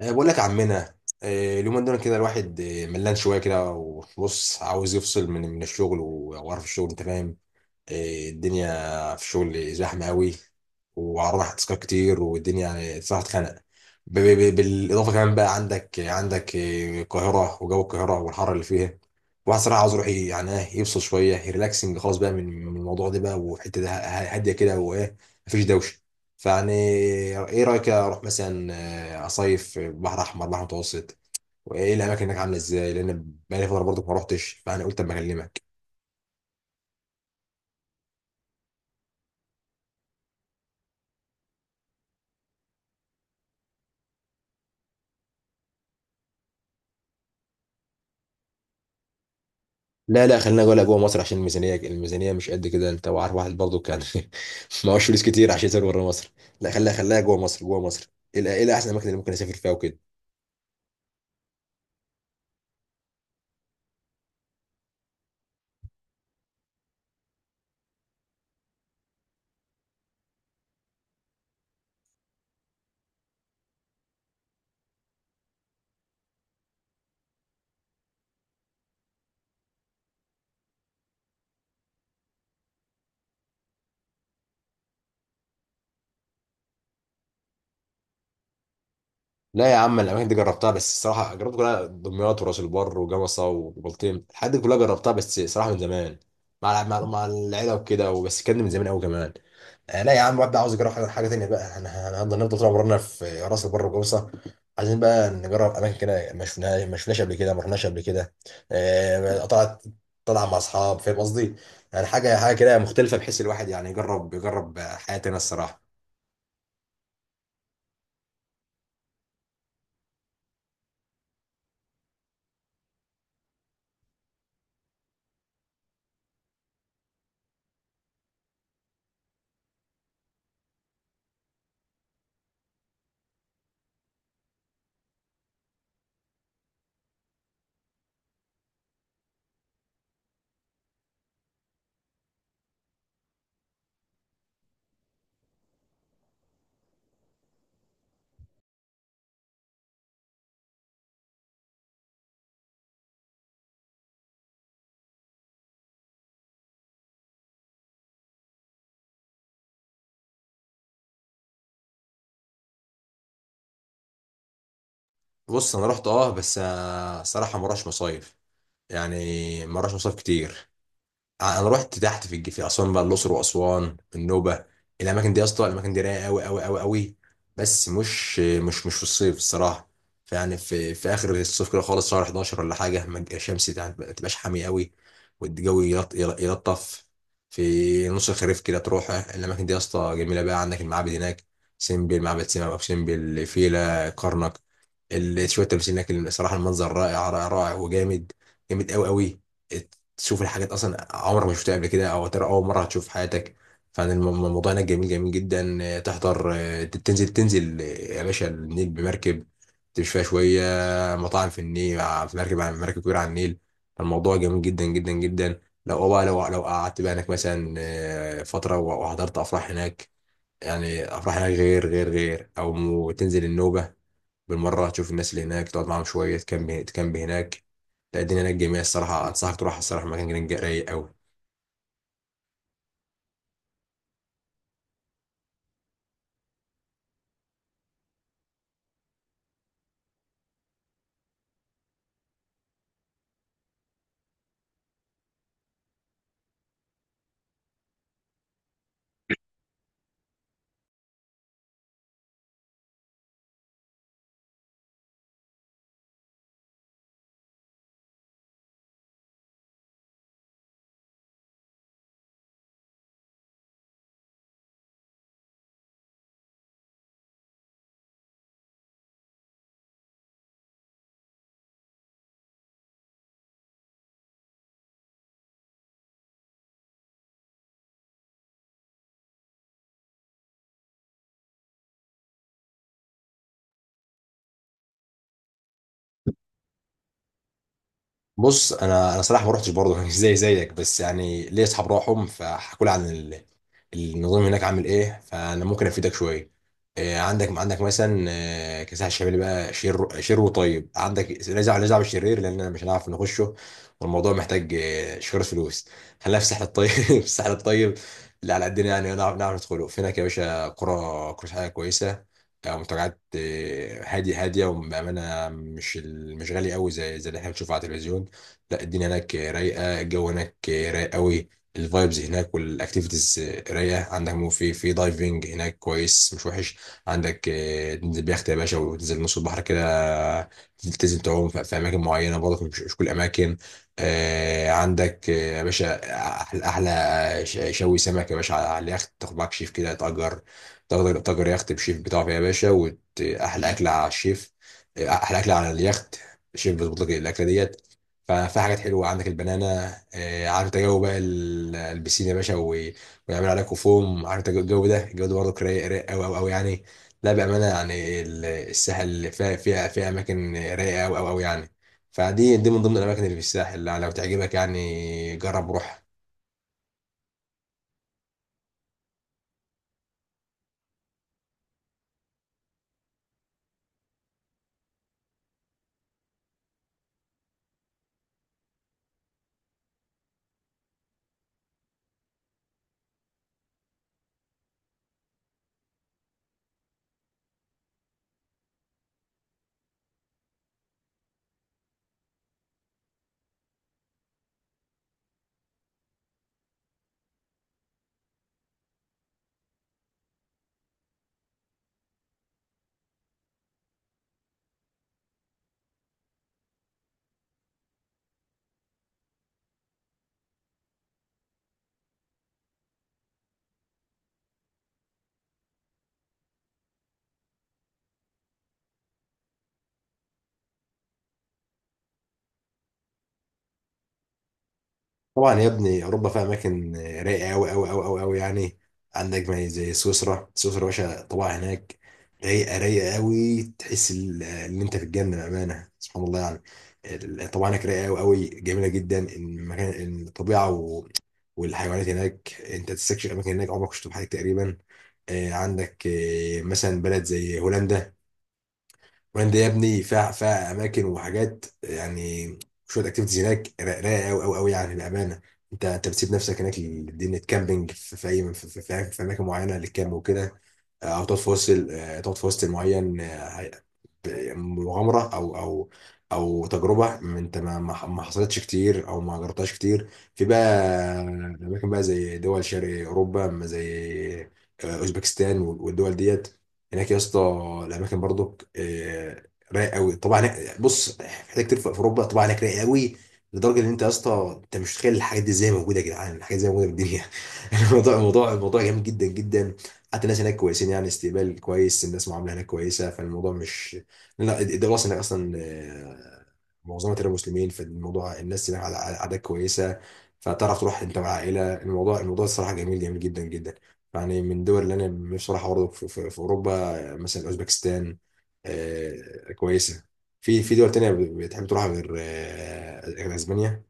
بقول لك يا عمنا. اليومين دول كده الواحد ملان شويه كده، وبص عاوز يفصل من الشغل وقرف الشغل انت فاهم. الدنيا في شغل زحمه قوي، وعرضنا تاسكات كتير والدنيا يعني صراحه اتخنق. بالاضافه كمان بقى عندك القاهره وجو القاهره والحر اللي فيها. واحد صراحه عاوز يروح يعني يفصل شويه ريلاكسنج خالص بقى من الموضوع ده بقى، وحته ده هاديه كده وايه، مفيش دوشه. فيعني ايه رايك اروح مثلا، اصيف بحر احمر بحر متوسط؟ وايه الاماكن هناك عامله ازاي، لان بقالي فتره برضه ما روحتش، فانا قلت اما اكلمك. لا، خلينا جوه مصر عشان الميزانيه، مش قد كده، انت وعارف، واحد برضه كان معهوش فلوس كتير عشان يسافر بره مصر. لا، خليها جوه مصر، ايه احسن الاماكن اللي ممكن اسافر فيها وكده؟ لا يا عم، الاماكن دي جربتها، بس الصراحه جربت كلها، دمياط وراس البر وجمصه وبلطيم، الحاجات دي كلها جربتها، بس صراحه من زمان، مع العيله وكده، وبس كان من زمان قوي كمان. آه لا يا عم، واد عاوز يجرب حاجة تانية بقى. انا هنفضل طول عمرنا في راس البر والجوصه؟ عايزين بقى نجرب اماكن كده ما شفناها، ما شفناش قبل كده، ما رحناش قبل كده. طلعت، طلع مع اصحاب فاهم قصدي. يعني حاجه كده مختلفه، بحيث الواحد يعني يجرب حياه تانية الصراحه. بص انا رحت اه بس آه، الصراحه ما رحتش مصايف يعني ما رحتش مصايف كتير انا رحت تحت في الج- في اسوان بقى الاقصر واسوان النوبه الاماكن دي يا اسطى الاماكن دي رايقه قوي قوي قوي قوي بس مش مش مش في الصيف الصراحه فيعني في في اخر الصيف كده خالص شهر 11 ولا حاجه ما تبقى الشمس تع- ما تبقاش حامي قوي والجو يلط- يل- يلطف في نص الخريف كده تروح الاماكن دي يا اسطى جميله بقى عندك المعابد هناك سيمبل معبد سيما ابو سمبل فيلا كرنك ال- شويه تماثيل هناك الصراحه المنظر رائع رائع رائع وجامد جامد قوي قوي تشوف الحاجات اصلا عمرك ما شفتها قبل كده او ترى اول مره هتشوف في حياتك فعلا الم- الموضوع هناك جميل جميل جدا آه، تحضر آه، تنزل تنزل آه، يا باشا النيل بمركب تمشي فيها شويه مطاعم في النيل آه، في مركب على مركب كبيره على النيل الموضوع جميل جدا جدا جدا لو بقى لو لو قعدت بقى هناك مثلا آه، فتره وحضرت افراح هناك يعني افراح هناك غير غير غير او تنزل النوبه بالمره تشوف الناس اللي هناك تقعد معاهم شويه تكمب تكمب هناك لا الدنيا هناك جميله الصراحه انصحك تروح الصراحه مكان رايق قوي بص انا صراحه ما رحتش برضه زي زيك، بس يعني ليا اصحاب راحهم فحكوا لي عن النظام هناك عامل ايه، فانا ممكن افيدك شويه. عندك مثلا كساح الشمالي بقى شير وطيب، عندك نزع بالشرير، لان أنا مش هنعرف نخشه، والموضوع محتاج شوية فلوس. خلينا في الساحل الطيب، في الساحل الطيب اللي على قدنا، يعني نعرف ندخله. في هناك يا باشا قرى، قرى سياحية كويسه، منتجعات، هاديه وبامانه مش مش غالي قوي زي اللي احنا بنشوفه على التلفزيون. لا، الدنيا هناك رايقه، الجو هناك رايق قوي. الفايبز هناك والاكتيفيتيز رايقه. عندك مو في دايفنج هناك كويس مش وحش. عندك تنزل بيخت يا باشا وتنزل نص البحر كده، تلتزم تعوم في اماكن معينه برضه، مش كل الاماكن. عندك يا باشا احلى شوي سمك يا باشا على اليخت، تاخد معاك شيف كده، تأجر تأجر يخت بشيف بتاعك يا باشا، وأحلى أكلة على الشيف. أحلى أكلة على اليخت، الشيف بيظبط لك الأكلة ديت. ففي حاجات حلوه، عندك البنانا، عارف انت جو بقى البسين يا باشا ويعمل عليكم فوم. عارف انت الجو ده، برضه رايق قوي قوي قوي يعني. لا بامانه يعني الساحل فيها اماكن رايقه قوي قوي قوي يعني. فدي من ضمن الاماكن اللي في الساحل، لو تعجبك يعني جرب روح. طبعا يا ابني، اوروبا فيها اماكن رايقه قوي قوي قوي قوي قوي يعني. عندك ما زي سويسرا، يا باشا، طبعا هناك رايقه، قوي، تحس ان انت في الجنه، بامانه سبحان الله يعني. طبعا هناك رايقه قوي قوي، جميله جدا المكان، الطبيعه، والحيوانات هناك، انت تستكشف اماكن هناك عمرك ما شفتها في حياتك تقريبا. عندك مثلا بلد زي هولندا وهند يا ابني، فيها اماكن وحاجات يعني، شويه اكتيفيتيز هناك رايقه قوي قوي قوي يعني بامانه. انت بتسيب نفسك هناك لدنيا كامبينج، في في اماكن معينه للكامب وكده. او تقعد في وسط تقعد في وسط معين، يعني مغامره، او او تجربه انت ما حصلتش كتير او ما جربتهاش كتير. في بقى اماكن بقى زي دول شرق اوروبا، ما زي اوزبكستان والدول ديت، هناك يا اسطى الاماكن برضك رايق قوي. طبعا هناك- بص في حاجات كتير في اوروبا طبعا هناك رايق قوي، لدرجه ان انت يا اسطى انت مش متخيل الحاجات دي ازاي موجوده. يا جدعان، الحاجات دي ازاي موجوده في الدنيا؟ الموضوع، الموضوع جامد جدا جدا. حتى الناس هناك كويسين، يعني استقبال كويس، الناس معامله هناك كويسه، فالموضوع مش... لا، الدوله الصينيه اصلا معظمها ترى مسلمين، فالموضوع الناس هناك على عادات كويسه، فتعرف تروح انت مع عائله. الموضوع الصراحه جميل جدا جدا. يعني من الدول اللي انا نفسي اروحها برضه في اوروبا، مثلا اوزبكستان كويسه. في دول تانية بتحب تروحها غير غير اسبانيا؟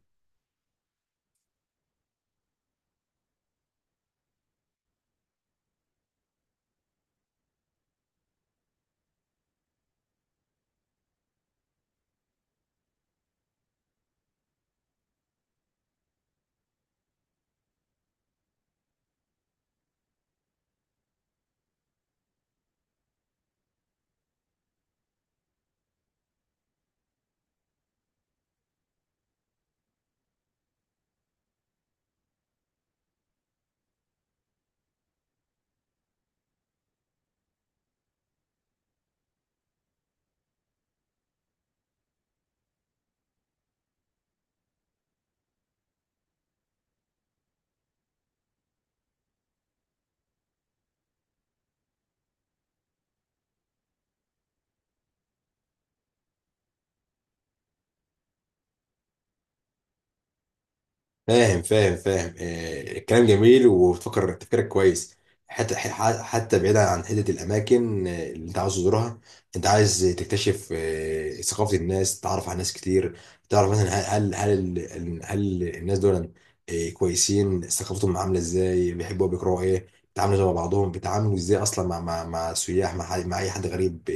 فاهم الكلام جميل، وبتفكر تفكيرك كويس. حتى حتى بعيدا عن حته الاماكن اللي انت عاوز تزورها، انت عايز تكتشف ثقافه الناس، تعرف على ناس كتير، تعرف مثلا هل الناس دول كويسين، ثقافتهم عامله ازاي، بيحبوا بيكرهوا ايه، بيتعاملوا مع بعضهم، بيتعاملوا ازاي اصلا مع سياح، مع اي حد غريب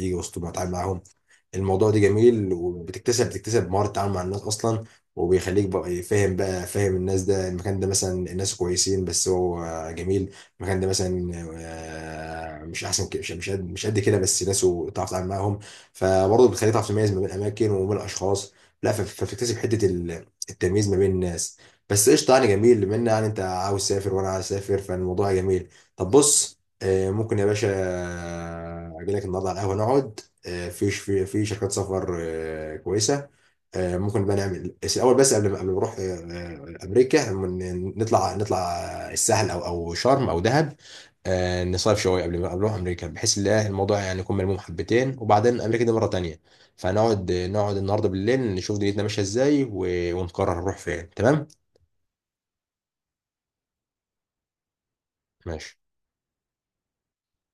يجي وسطهم يتعامل معاهم. الموضوع ده جميل، وبتكتسب مهاره التعامل مع الناس اصلا، وبيخليك بقى فاهم الناس. ده المكان ده مثلا الناس كويسين بس هو جميل، المكان ده مثلا مش احسن، مش قد كده، بس ناسه تعرف تتعامل معاهم، فبرضه بتخليك تعرف تميز ما بين الاماكن وما بين الاشخاص. لا فبتكتسب حته التمييز ما بين الناس. بس قشطه يعني جميل، بما ان يعني انت عاوز تسافر وانا عاوز اسافر، فالموضوع جميل. طب بص، ممكن يا باشا اجي لك النهارده على القهوه، نقعد، في شركات سفر كويسه، ممكن بقى نعمل. بس الاول، بس قبل ما نروح امريكا، نطلع السهل او شرم او دهب، نصيف شويه قبل ما نروح امريكا، بحيث ان الموضوع يعني يكون ملموم حبتين، وبعدين امريكا دي مره تانية. فنقعد النهارده بالليل، نشوف دنيتنا ماشيه ازاي، ونقرر نروح فين. تمام؟ ماشي.